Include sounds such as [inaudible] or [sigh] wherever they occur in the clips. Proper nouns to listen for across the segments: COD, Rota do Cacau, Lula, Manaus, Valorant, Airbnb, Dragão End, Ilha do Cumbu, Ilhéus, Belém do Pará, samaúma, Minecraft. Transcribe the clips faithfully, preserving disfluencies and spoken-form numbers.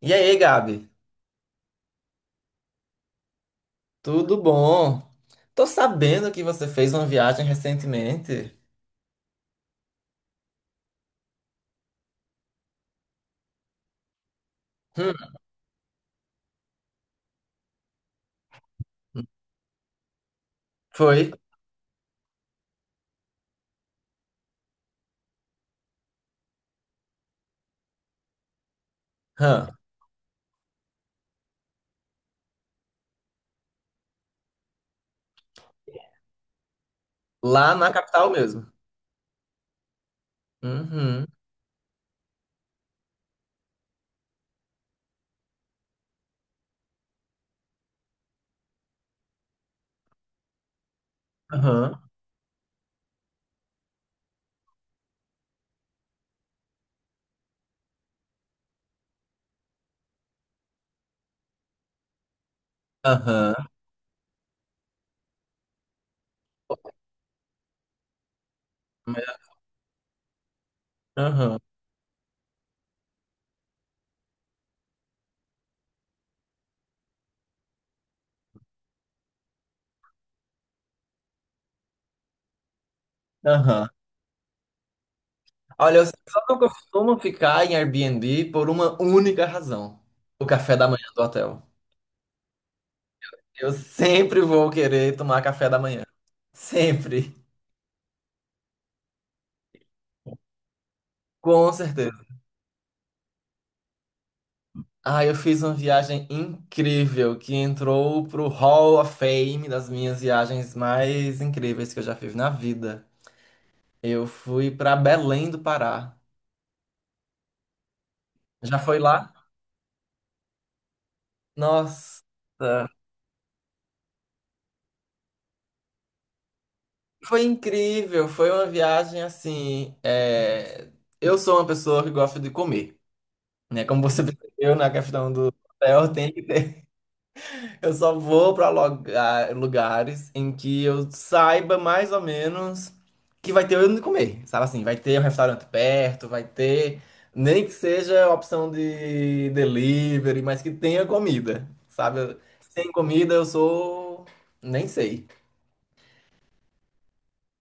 E aí, Gabi? Tudo bom? Tô sabendo que você fez uma viagem recentemente. Hum, foi? Hã. Lá na capital mesmo. Uhum. Aham. Aham. Aham. Aham. Olha, eu só não costumo ficar em Airbnb por uma única razão: o café da manhã do hotel. Eu sempre vou querer tomar café da manhã. Sempre. Com certeza. Ah, eu fiz uma viagem incrível que entrou pro Hall of Fame das minhas viagens mais incríveis que eu já fiz na vida. Eu fui pra Belém do Pará. Já foi lá? Nossa, foi incrível. Foi uma viagem assim. é, Eu sou uma pessoa que gosta de comer, né? Como você [laughs] percebeu na questão do hotel, tem que... Eu só vou pra loga- lugares em que eu saiba mais ou menos que vai ter onde comer. Sabe, assim, vai ter um restaurante perto, vai ter, nem que seja a opção de delivery, mas que tenha comida. Sabe? Sem comida eu sou. Nem sei.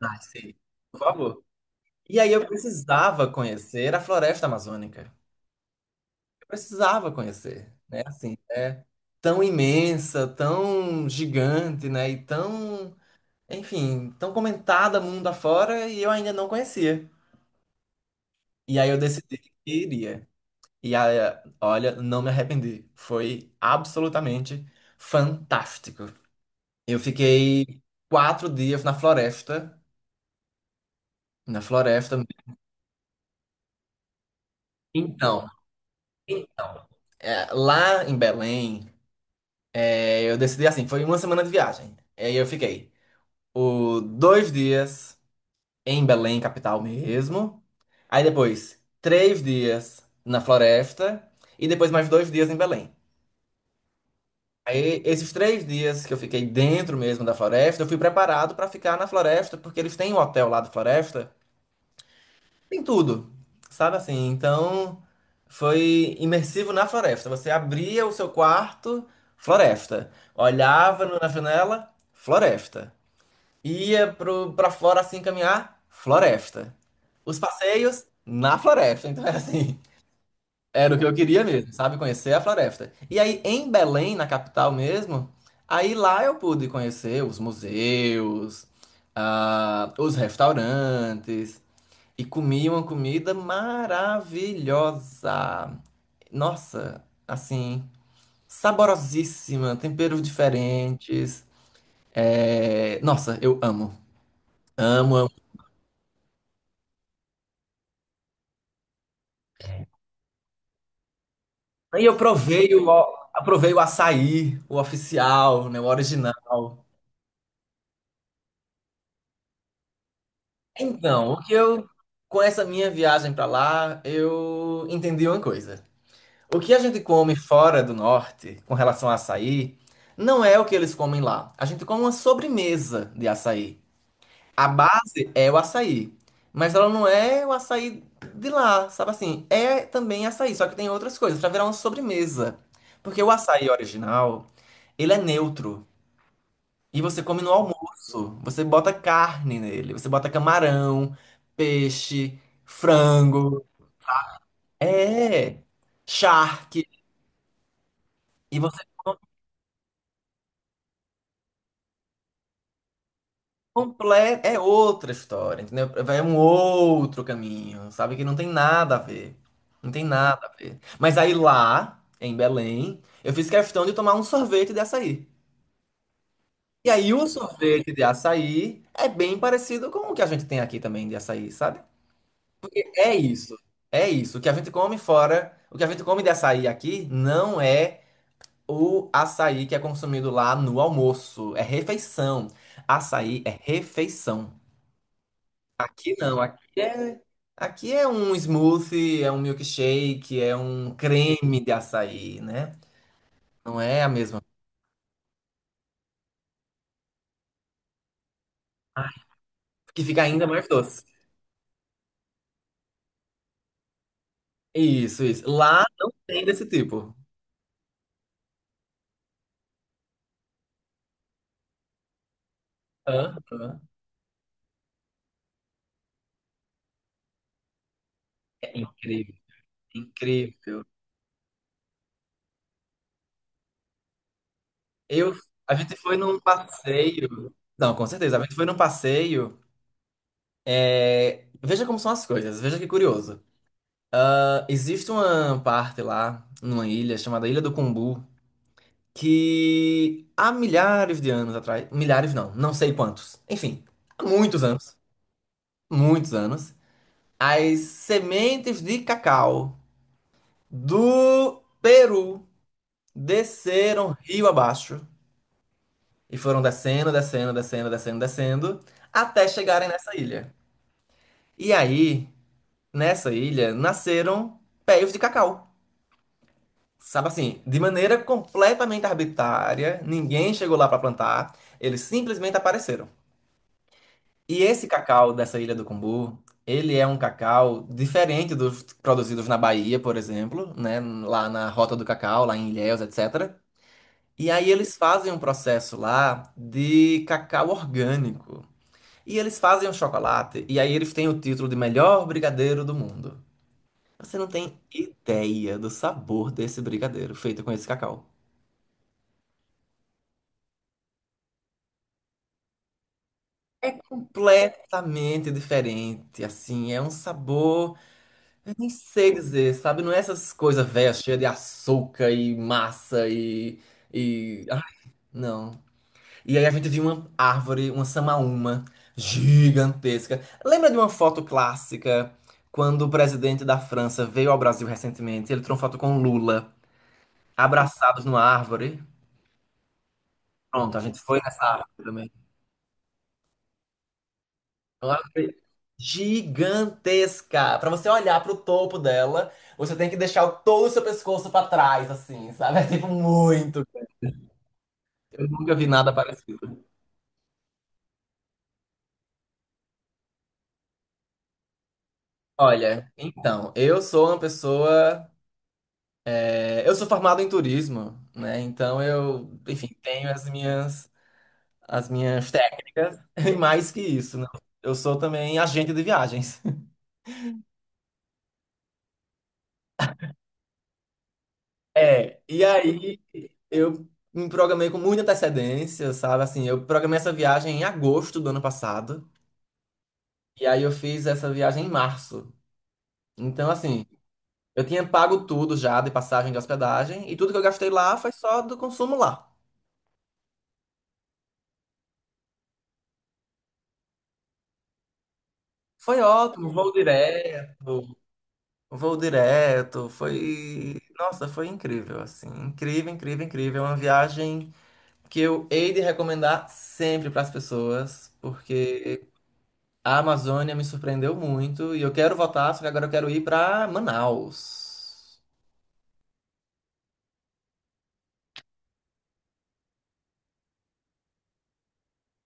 Ah, sei. Por favor. E aí eu precisava conhecer a floresta amazônica. Eu precisava conhecer, né? Assim, é tão imensa, tão gigante, né? E tão, enfim, tão comentada mundo afora e eu ainda não conhecia. E aí eu decidi que iria. E aí, olha, não me arrependi. Foi absolutamente fantástico. Eu fiquei quatro dias na floresta. Na floresta. Então, então, é, lá em Belém, é, eu decidi assim, foi uma semana de viagem. Aí eu fiquei o dois dias em Belém, capital mesmo. Aí depois, três dias na floresta e depois mais dois dias em Belém. Aí, esses três dias que eu fiquei dentro mesmo da floresta, eu fui preparado para ficar na floresta, porque eles têm um hotel lá da floresta, tem tudo, sabe assim? Então, foi imersivo na floresta. Você abria o seu quarto, floresta. Olhava no- na janela, floresta. Ia pro, pra fora assim caminhar, floresta. Os passeios, na floresta. Então era assim, era o que eu queria mesmo, sabe? Conhecer a floresta. E aí em Belém, na capital mesmo, aí lá eu pude conhecer os museus, ah, os restaurantes e comi uma comida maravilhosa. Nossa, assim, saborosíssima, temperos diferentes. É. Nossa, eu amo. Amo. Aí eu provei o, Aprovei o açaí, o oficial, né, o original. Então, o que eu, com essa minha viagem para lá, eu entendi uma coisa. O que a gente come fora do norte, com relação a açaí, não é o que eles comem lá. A gente come uma sobremesa de açaí. A base é o açaí, mas ela não é o açaí de lá, sabe assim? É também açaí, só que tem outras coisas, para virar uma sobremesa. Porque o açaí original, ele é neutro. E você come no almoço. Você bota carne nele. Você bota camarão, peixe, frango. É. Charque. E você completa. É outra história, entendeu? Vai um outro caminho, sabe? Que não tem nada a ver. Não tem nada a ver. Mas aí lá, em Belém, eu fiz questão de tomar um sorvete de açaí. E aí o sorvete de açaí é bem parecido com o que a gente tem aqui também de açaí, sabe? É isso. É isso. O que a gente come fora, o que a gente come de açaí aqui não é o açaí que é consumido lá no almoço. É refeição. Açaí é refeição. Aqui não. Aqui é, aqui é um smoothie, é um milkshake, é um creme de açaí, né? Não é a mesma. Ai, que fica ainda mais doce. Isso, isso. Lá não tem desse tipo. Aham. É incrível, incrível. Eu, a gente foi num passeio. Não, com certeza. A gente foi num passeio. é, Veja como são as coisas. Veja que curioso. Ah, existe uma parte lá, numa ilha chamada Ilha do Cumbu, que há milhares de anos atrás, milhares não, não sei quantos. Enfim, há muitos anos, muitos anos, as sementes de cacau do Peru desceram rio abaixo e foram descendo, descendo, descendo, descendo, descendo até chegarem nessa ilha. E aí, nessa ilha, nasceram pés de cacau. Sabe assim, de maneira completamente arbitrária, ninguém chegou lá para plantar, eles simplesmente apareceram. E esse cacau dessa ilha do Cumbu, ele é um cacau diferente dos produzidos na Bahia, por exemplo, né, lá na Rota do Cacau, lá em Ilhéus, etcétera. E aí eles fazem um processo lá de cacau orgânico. E eles fazem o chocolate, e aí eles têm o título de melhor brigadeiro do mundo. Você não tem ideia do sabor desse brigadeiro feito com esse cacau. É completamente diferente, assim, é um sabor, eu nem sei dizer, sabe? Não é essas coisas velhas, cheias de açúcar e massa e, e... Ah, não. E aí a gente viu uma árvore, uma samaúma gigantesca. Lembra de uma foto clássica quando o presidente da França veio ao Brasil recentemente? Ele tirou uma foto com Lula, abraçados numa árvore. Pronto, a gente foi nessa árvore também. Uma ave gigantesca. Pra você olhar pro topo dela, você tem que deixar o- todo o seu pescoço pra trás, assim, sabe? [laughs] É tipo muito. Eu nunca vi nada parecido. Olha, então, eu sou uma pessoa. É, eu sou formado em turismo, né? Então eu, enfim, tenho as minhas, as minhas técnicas. [laughs] E mais que isso, né? Eu sou também agente de viagens. É, e aí eu me programei com muita antecedência, sabe? Assim, eu programei essa viagem em agosto do ano passado, e aí eu fiz essa viagem em março. Então, assim, eu tinha pago tudo já de passagem de hospedagem, e tudo que eu gastei lá foi só do consumo lá. Foi ótimo, voo direto, voo direto, foi... Nossa, foi incrível, assim, incrível, incrível, incrível. É uma viagem que eu hei de recomendar sempre para as pessoas, porque a Amazônia me surpreendeu muito e eu quero voltar, só que agora eu quero ir pra Manaus.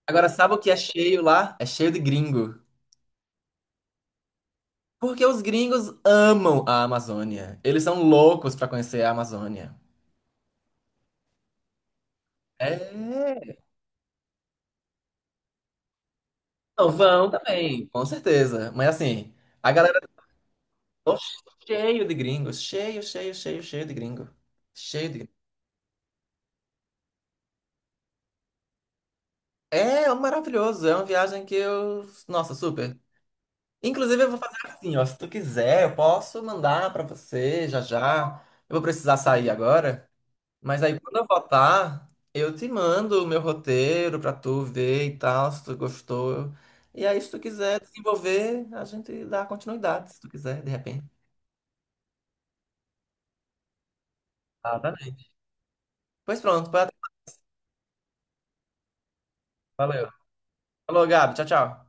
Agora, sabe o que é cheio lá? É cheio de gringo. Porque os gringos amam a Amazônia. Eles são loucos pra conhecer a Amazônia. É. Não, vão também, com certeza. Mas assim, a galera ficou cheio de gringos, cheio, cheio, cheio, cheio de gringo. Cheio de gringo. É maravilhoso, é uma viagem que eu, nossa, super. Inclusive, eu vou fazer assim, ó. Se tu quiser, eu posso mandar pra você já já. Eu vou precisar sair agora. Mas aí, quando eu voltar, eu te mando o meu roteiro pra tu ver e tal, se tu gostou. E aí, se tu quiser desenvolver, a gente dá continuidade, se tu quiser, de repente. Tá, tá bem. Pois pronto, pode- valeu. Falou, Gabi. Tchau, tchau.